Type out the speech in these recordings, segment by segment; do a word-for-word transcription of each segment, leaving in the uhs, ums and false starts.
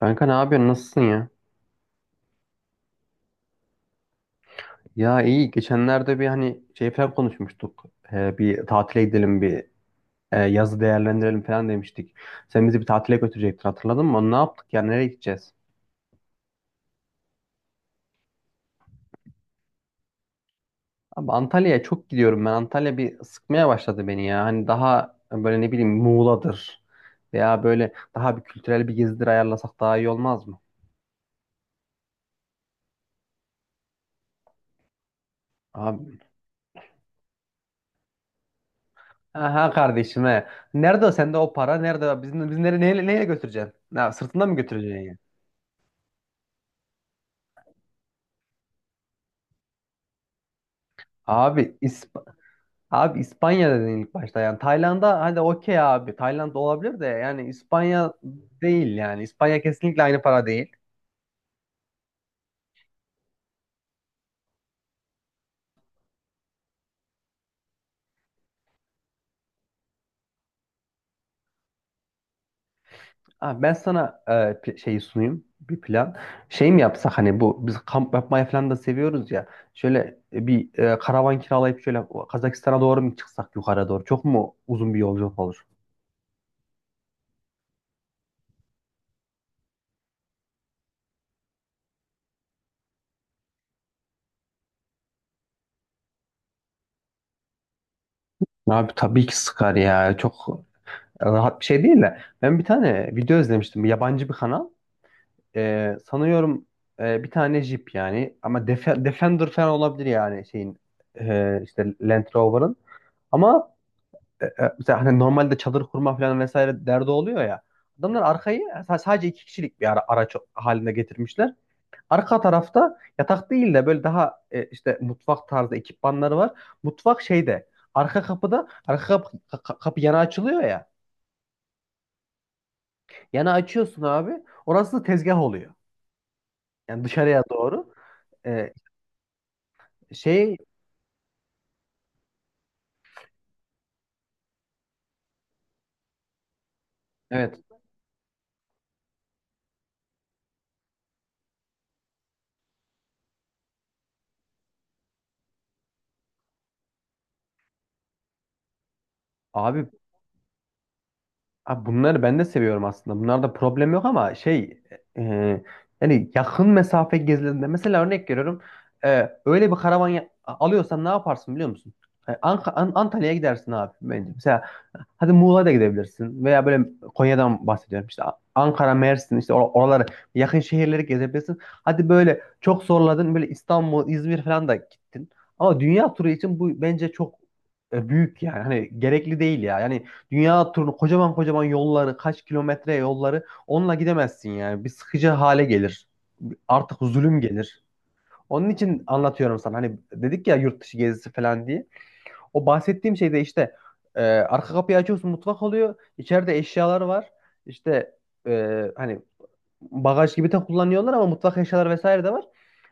Kanka ne yapıyorsun? Nasılsın ya? Ya iyi. Geçenlerde bir hani şey falan konuşmuştuk. Ee, bir tatile gidelim, bir e, yazı değerlendirelim falan demiştik. Sen bizi bir tatile götürecektin, hatırladın mı? Onu ne yaptık ya? Nereye gideceğiz? Abi Antalya'ya çok gidiyorum ben. Antalya bir sıkmaya başladı beni ya. Hani daha böyle ne bileyim Muğla'dır. Veya böyle daha bir kültürel bir gezidir ayarlasak daha iyi olmaz mı? Abi. Aha kardeşim he. Nerede o sende o para? Nerede? Biz, biz nereye, neyle, neyle götüreceksin? Ya, sırtında mı götüreceksin ya? Abi İs-. Abi İspanya dedin ilk başta, yani Tayland'a hadi okey abi Tayland olabilir de yani İspanya değil, yani İspanya kesinlikle aynı para değil. Abi ben sana e, pi- şeyi sunayım, bir plan. Şey mi yapsak, hani bu biz kamp yapmayı falan da seviyoruz ya, şöyle e, bir e, karavan kiralayıp şöyle Kazakistan'a doğru mu çıksak yukarı doğru, çok mu uzun bir yolculuk olur? Abi tabii ki sıkar ya, çok rahat bir şey değil de ben bir tane video izlemiştim, bir yabancı bir kanal. Ee, sanıyorum e, bir tane Jeep, yani ama Def- Defender falan olabilir, yani şeyin e, işte Land Rover'ın, ama e, e, mesela hani normalde çadır kurma falan vesaire derdi oluyor ya, adamlar arkayı sa- sadece iki kişilik bir ara- araç haline getirmişler. Arka tarafta yatak değil de böyle daha e, işte mutfak tarzı ekipmanları var. Mutfak şeyde, arka kapıda, arka kapı, ka- kapı yana açılıyor ya, yana açıyorsun abi, orası tezgah oluyor yani dışarıya doğru. E, şey Evet. Abi, abi bunları ben de seviyorum aslında. Bunlarda problem yok ama şey, e, yani yakın mesafe gezilerinde mesela örnek veriyorum. E, öyle bir karavan ya- alıyorsan ne yaparsın biliyor musun? E, Anka- An- Antalya'ya gidersin abi bence. Mesela hadi Muğla'ya da gidebilirsin, veya böyle Konya'dan bahsediyorum. İşte A- Ankara, Mersin işte or- oraları, yakın şehirleri gezebilirsin. Hadi böyle çok zorladın böyle İstanbul, İzmir falan da gittin. Ama dünya turu için bu bence çok e, büyük yani. Hani gerekli değil ya. Yani dünya turunu kocaman kocaman yolları, kaç kilometre yolları onunla gidemezsin yani. Bir sıkıcı hale gelir. Artık zulüm gelir. Onun için anlatıyorum sana. Hani dedik ya yurt dışı gezisi falan diye. O bahsettiğim şey de işte e, arka kapıyı açıyorsun, mutfak oluyor. İçeride eşyalar var. İşte e, hani bagaj gibi de kullanıyorlar ama mutfak eşyaları vesaire de var.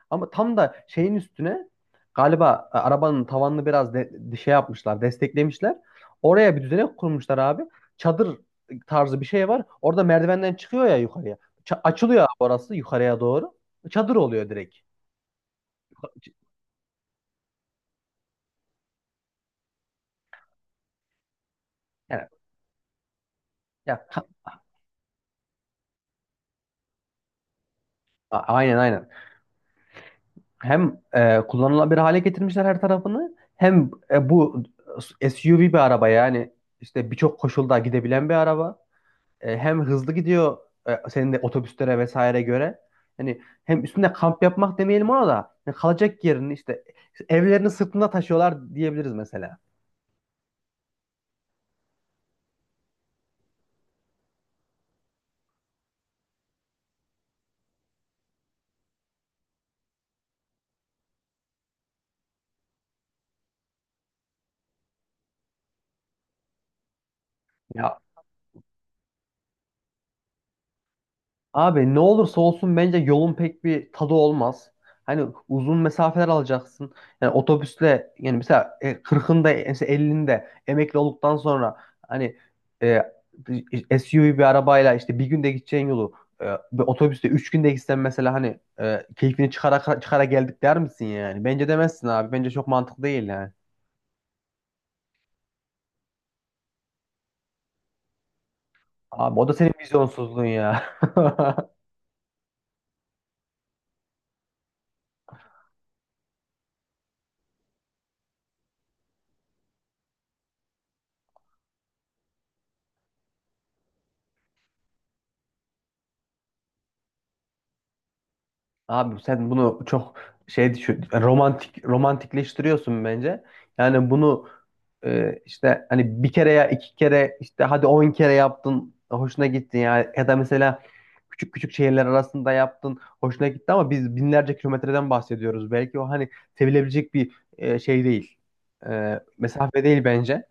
Ama tam da şeyin üstüne galiba e, arabanın tavanını biraz de, de- şey yapmışlar, desteklemişler. Oraya bir düzenek kurmuşlar abi. Çadır tarzı bir şey var. Orada merdivenden çıkıyor ya yukarıya. Ça- açılıyor abi orası yukarıya doğru. Çadır oluyor direkt. Yani, ya, ka- a- aynen aynen. Hem e, kullanılabilir hale getirmişler her tarafını. Hem e, bu S U V bir araba, yani işte birçok koşulda gidebilen bir araba. E, hem hızlı gidiyor e, senin de otobüslere vesaire göre. Hani hem üstünde kamp yapmak demeyelim ona da. Yani kalacak yerini, işte evlerini sırtında taşıyorlar diyebiliriz mesela. Ya abi ne olursa olsun bence yolun pek bir tadı olmaz. Hani uzun mesafeler alacaksın. Yani otobüsle yani mesela e, kırkında mesela ellisinde emekli olduktan sonra hani e, S U V bir arabayla işte bir günde gideceğin yolu e, bir otobüste üç günde gitsen mesela, hani e, keyfini çıkara çıkara geldik der misin yani? Bence demezsin abi. Bence çok mantıklı değil yani. Abi o da senin vizyonsuzluğun ya. Abi sen bunu çok şey düşün, romantik romantikleştiriyorsun bence. Yani bunu e, işte hani bir kere ya iki kere işte hadi on kere yaptın, hoşuna gitti ya ya da mesela küçük küçük şehirler arasında yaptın, hoşuna gitti ama biz binlerce kilometreden bahsediyoruz. Belki o hani sevilebilecek bir e, şey değil. E, mesafe değil bence.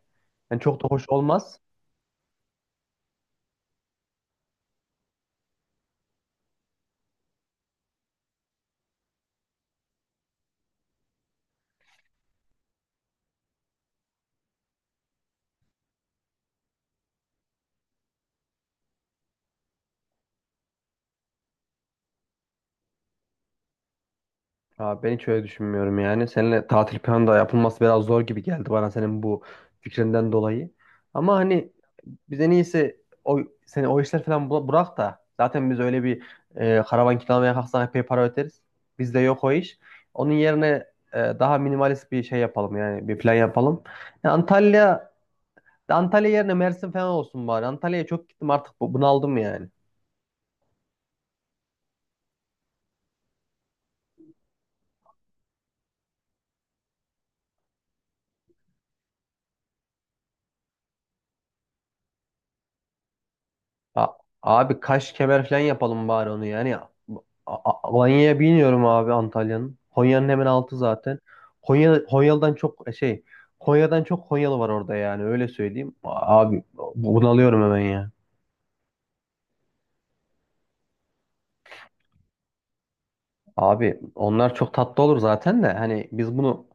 Yani çok da hoş olmaz. Abi ben hiç öyle düşünmüyorum yani. Seninle tatil planı da yapılması biraz zor gibi geldi bana senin bu fikrinden dolayı. Ama hani biz en iyisi o, seni o işler falan bu- bırak da zaten biz öyle bir e, karavan kiralamaya kalksak epey para öderiz. Bizde yok o iş. Onun yerine e, daha minimalist bir şey yapalım, yani bir plan yapalım. Yani Antalya Antalya yerine Mersin falan olsun bari. Antalya'ya çok gittim artık, bu- bunaldım yani. Ya, abi Kaş Kemer falan yapalım bari onu yani. A- A- Alanya'ya biniyorum abi Antalya'nın. Konya'nın hemen altı zaten. Konya, Konyalı'dan çok e, şey Konya'dan çok Konyalı var orada yani, öyle söyleyeyim. A- Abi bunalıyorum hemen ya. Abi onlar çok tatlı olur zaten de, hani biz bunu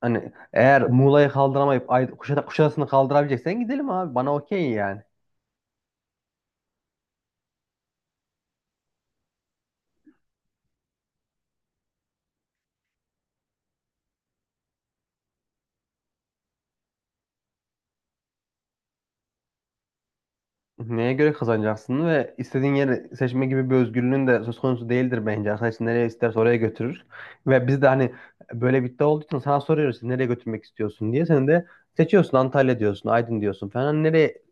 hani eğer Muğla'yı kaldıramayıp Ay- Kuşada, Kuşadası'nı kaldırabileceksen gidelim abi, bana okey yani. Neye göre kazanacaksın ve istediğin yeri seçme gibi bir özgürlüğün de söz konusu değildir bence. Arkadaş nereye isterse oraya götürür. Ve biz de hani böyle bir iddia olduğu için sana soruyoruz, nereye götürmek istiyorsun diye. Sen de seçiyorsun Antalya diyorsun, Aydın diyorsun falan. Hani nereye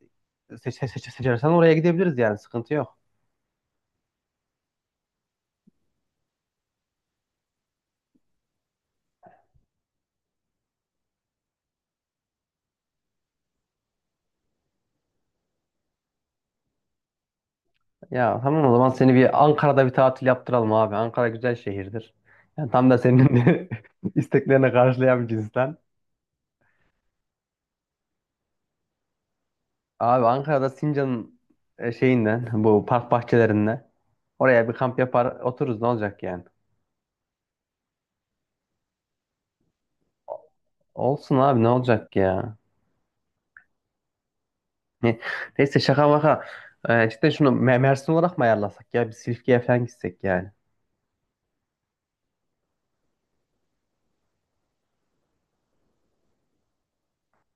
seç, seç, seç- seçersen oraya gidebiliriz yani, sıkıntı yok. Ya tamam, o zaman seni bir Ankara'da bir tatil yaptıralım abi. Ankara güzel şehirdir. Yani tam da senin isteklerine karşılayan bir cinsten. Abi Ankara'da Sincan'ın e, şeyinden, bu park bahçelerinden, oraya bir kamp yapar otururuz, ne olacak yani. Olsun abi ne olacak ya. Ne, neyse şaka maka. E, cidden şunu Me- Mersin olarak mı ayarlasak ya? Bir Silifke'ye falan gitsek yani.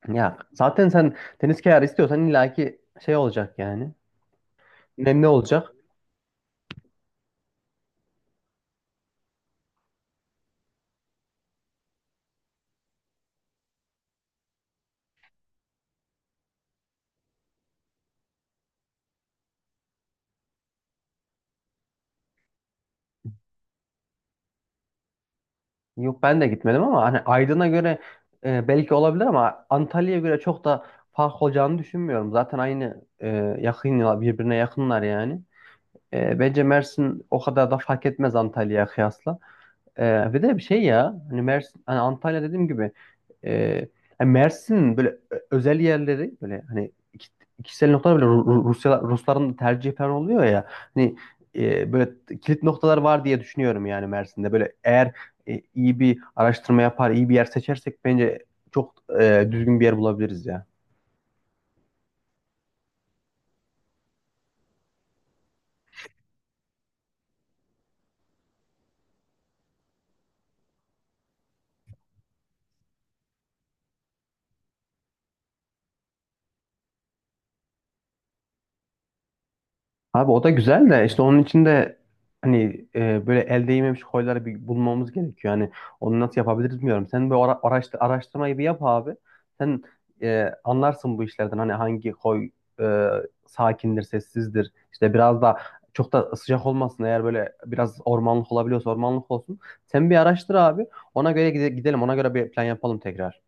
Ya zaten sen deniz kenarı istiyorsan illaki şey olacak yani. Nemli olacak. Yok ben de gitmedim ama hani Aydın'a göre e, belki olabilir ama Antalya'ya göre çok da fark olacağını düşünmüyorum. Zaten aynı e, yakın, birbirine yakınlar yani. E, bence Mersin o kadar da fark etmez Antalya'ya kıyasla. E, ve de bir şey ya, hani Mersin, hani Antalya dediğim gibi e, hani Mersin'in böyle ö- özel yerleri, böyle hani iki, kişisel noktalar, böyle Ru- Ru- Rusya, Rusların tercih falan oluyor ya, hani e, böyle kilit noktalar var diye düşünüyorum yani Mersin'de. Böyle eğer e, iyi bir araştırma yapar, iyi bir yer seçersek bence çok e, düzgün bir yer bulabiliriz ya. Abi o da güzel de, işte onun için de hani e, böyle el değmemiş koyları bir bulmamız gerekiyor. Hani onu nasıl yapabiliriz bilmiyorum. Sen bir ara- araştı- araştırmayı bir yap abi. Sen e, anlarsın bu işlerden, hani hangi koy e, sakindir, sessizdir. İşte biraz da çok da sıcak olmasın. Eğer böyle biraz ormanlık olabiliyorsa ormanlık olsun. Sen bir araştır abi. Ona göre gide- gidelim. Ona göre bir plan yapalım tekrar.